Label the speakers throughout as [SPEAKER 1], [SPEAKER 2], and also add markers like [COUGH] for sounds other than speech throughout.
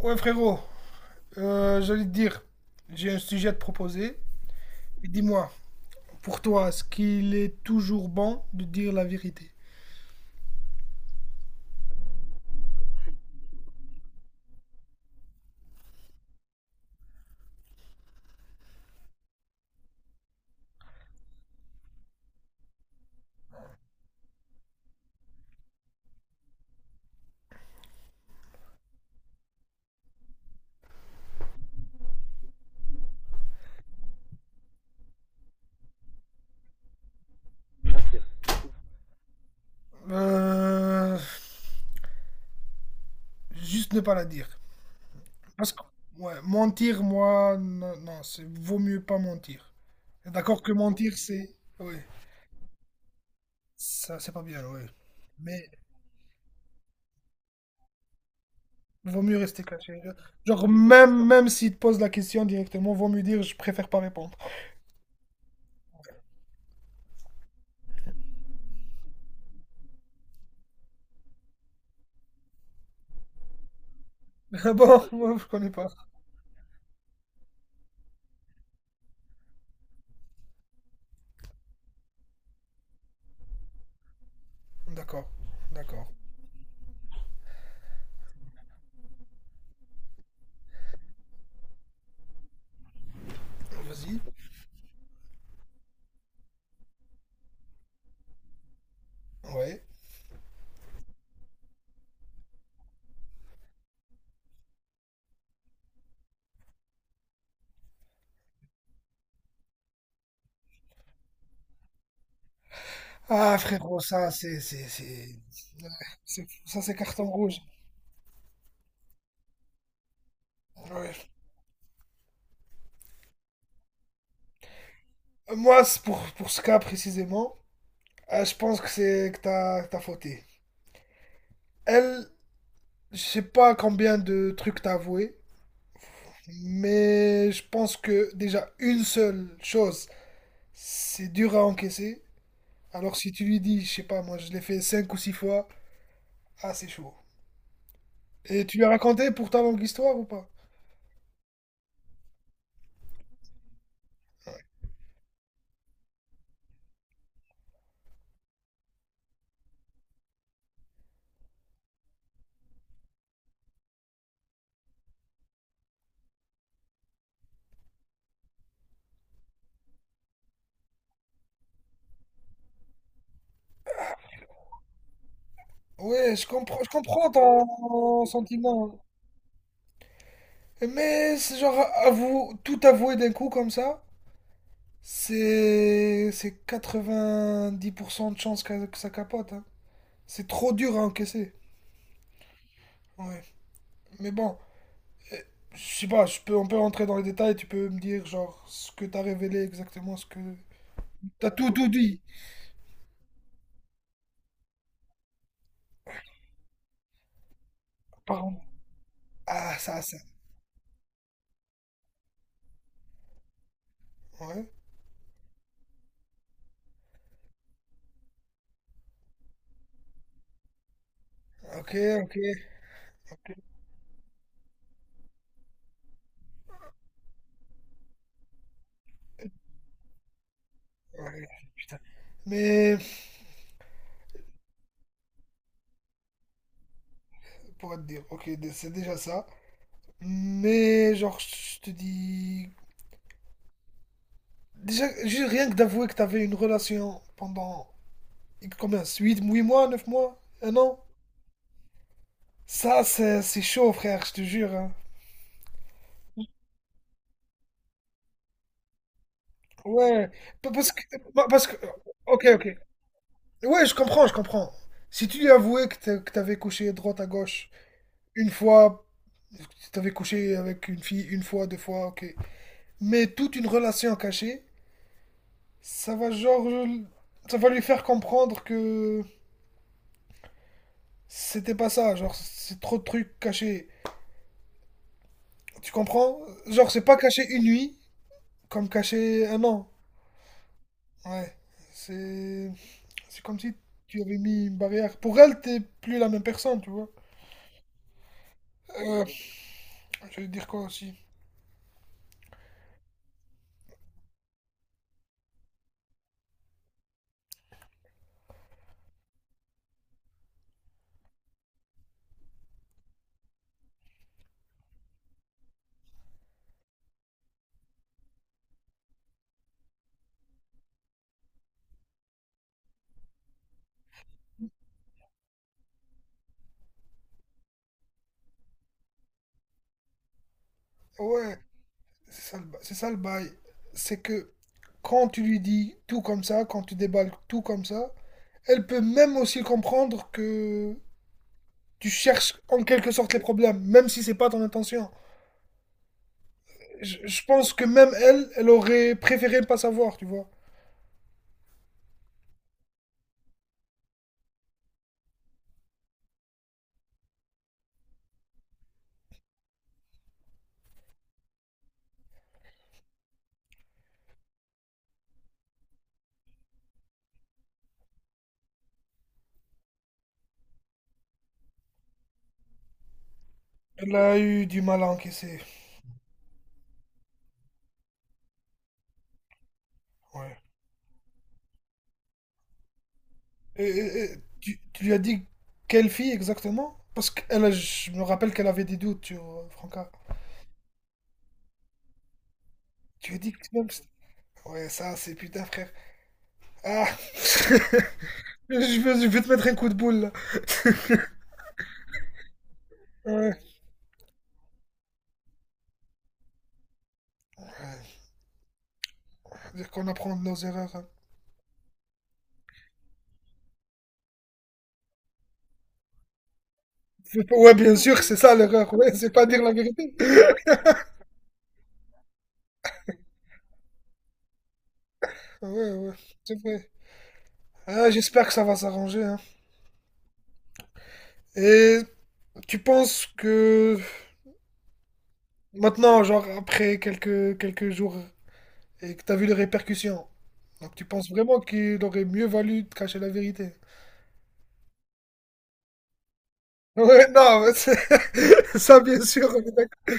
[SPEAKER 1] Ouais, frérot, j'allais te dire, j'ai un sujet à te proposer. Dis-moi, pour toi, est-ce qu'il est toujours bon de dire la vérité? Euh, Juste ne pas la dire. Parce que, ouais, mentir, moi, non, non, c'est vaut mieux pas mentir. D'accord que mentir, c'est, oui, ça, c'est pas bien, oui. Mais vaut mieux rester caché. Genre, même, même s'il te pose la question directement, vaut mieux dire, je préfère pas répondre. [LAUGHS] Ah bon, moi, je connais pas. D'accord, d'accord. Vas-y. Ouais. Ah frérot, ça c'est ouais, ça c'est carton rouge. Ouais. Moi c'est pour ce cas précisément, je pense que c'est que t'as fauté. Elle, je sais pas combien de trucs t'as avoué, mais je pense que déjà une seule chose, c'est dur à encaisser. Alors si tu lui dis, je sais pas, moi je l'ai fait cinq ou six fois, ah c'est chaud. Et tu lui as raconté pour ta longue histoire ou pas? Ouais, je comprends ton sentiment, hein. Mais c'est genre tout avouer d'un coup comme ça, c'est 90% de chances que ça capote, hein. C'est trop dur à encaisser. Ouais. Mais bon, euh, je sais pas, je peux, on peut rentrer dans les détails, tu peux me dire genre ce que t'as révélé exactement, ce que... T'as tout dit. Pardon. Ah, ça, ça. Ouais. Ok, ok, ok. Ouais, putain. Mais, pour te dire, ok, c'est déjà ça. Mais genre, je te dis, déjà, juste rien que d'avouer que t'avais une relation pendant combien 8 mois, 9 mois, un an? Ça, c'est chaud, frère, je te jure, hein. Ouais, parce que, parce que, ok, ok. Ouais, je comprends. Si tu lui avouais que t'avais couché droite à gauche une fois, que t'avais couché avec une fille une fois, deux fois, ok. Mais toute une relation cachée, ça va genre, ça va lui faire comprendre que c'était pas ça, genre c'est trop de trucs cachés. Tu comprends? Genre, c'est pas cacher une nuit comme cacher un an. Ouais. C'est c'est comme si tu avais mis une barrière. Pour elle, t'es plus la même personne, tu vois. Euh, je vais dire quoi aussi? Ouais, c'est ça le c'est ça le bail. C'est que quand tu lui dis tout comme ça, quand tu déballes tout comme ça, elle peut même aussi comprendre que tu cherches en quelque sorte les problèmes, même si c'est pas ton intention. Je pense que même elle, elle aurait préféré ne pas savoir, tu vois. Elle a eu du mal à encaisser. Ouais. Et tu lui as dit quelle fille exactement? Parce que je me rappelle qu'elle avait des doutes sur Franca. Tu lui as dit que tu l'aimes, c'est- ouais, ça, c'est putain, frère. Ah! [LAUGHS] Je je vais te mettre un coup de boule, là. Ouais. Dire qu'on apprend de nos erreurs, hein. Faut pas- ouais, bien sûr, c'est ça l'erreur. Ouais, c'est pas dire la vérité. Ah ouais, ouais, c'est vrai. Ah, j'espère que ça va s'arranger, hein. Et tu penses que maintenant, genre après quelques jours et que t'as vu les répercussions, donc tu penses vraiment qu'il aurait mieux valu de cacher la vérité? Ouais, non, mais c'est- [LAUGHS] ça bien sûr, on est d'accord.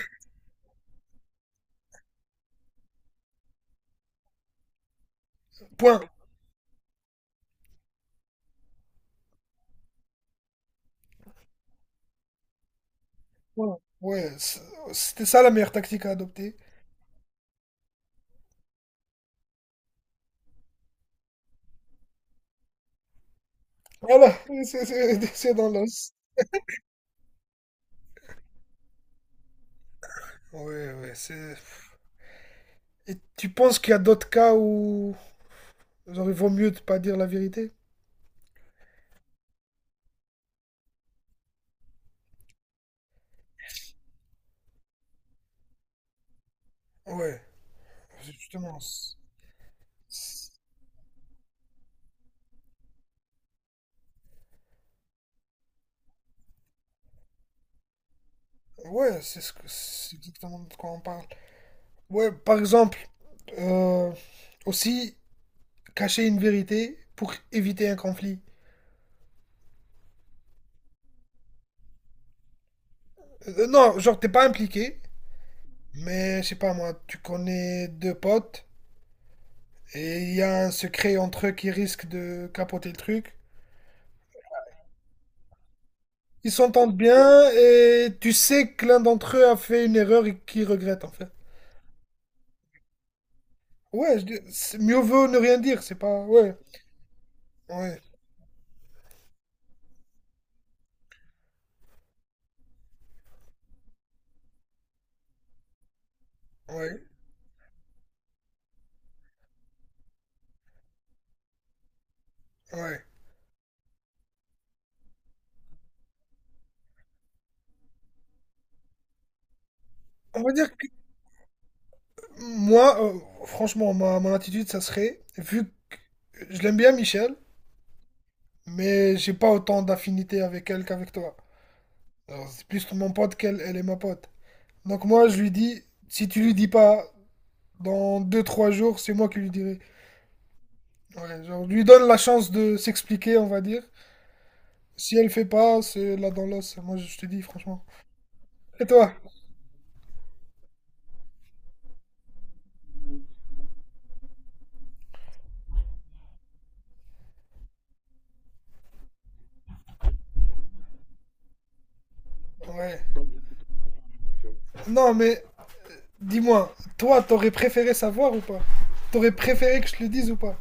[SPEAKER 1] Point. Point. Ouais, c'était ça la meilleure tactique à adopter. Voilà, [LAUGHS] c'est dans l'os. Ouais, ouais, c'est... Et tu penses qu'il y a d'autres cas où genre, il vaut mieux de pas dire la vérité? Ouais, c'est justement, c'est- ouais, c'est ce que c'est exactement de quoi on parle. Ouais, par exemple, euh, aussi cacher une vérité pour éviter un conflit. Non, genre, t'es pas impliqué, mais je sais pas moi, tu connais deux potes et il y a un secret entre eux qui risque de capoter le truc. Ils s'entendent bien et tu sais que l'un d'entre eux a fait une erreur et qu'il regrette en fait. Ouais, mieux vaut ne rien dire, c'est pas. Ouais, ouais, ouais, ouais. On va dire que moi, franchement, mon attitude, ça serait, vu que je l'aime bien Michel, mais j'ai pas autant d'affinité avec elle qu'avec toi. Alors, c'est plus mon pote qu'elle, elle est ma pote. Donc moi, je lui dis, si tu lui dis pas dans deux trois jours, c'est moi qui lui dirai. Ouais, genre, lui donne la chance de s'expliquer, on va dire. Si elle fait pas, c'est là dans l'os. Moi, je te dis, franchement. Et toi? Ouais. Non, mais dis-moi, toi, t'aurais préféré savoir ou pas? T'aurais préféré que je te le dise ou pas?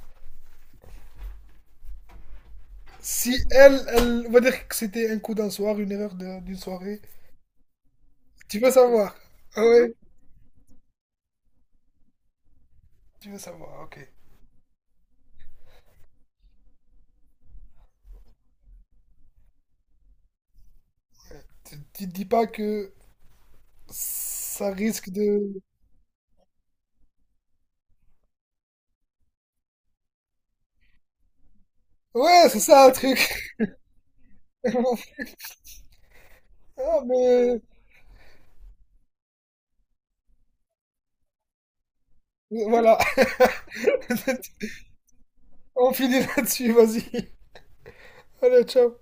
[SPEAKER 1] Si elle, elle, on va dire que c'était un coup d'un soir, une erreur d'une soirée. Tu veux savoir? Ah ouais? Tu veux savoir, ok. Tu te dis pas que ça risque de... Ouais, c'est ça, un truc. [LAUGHS] Ah, mais voilà. [LAUGHS] On finit là-dessus, vas-y. Allez, ciao.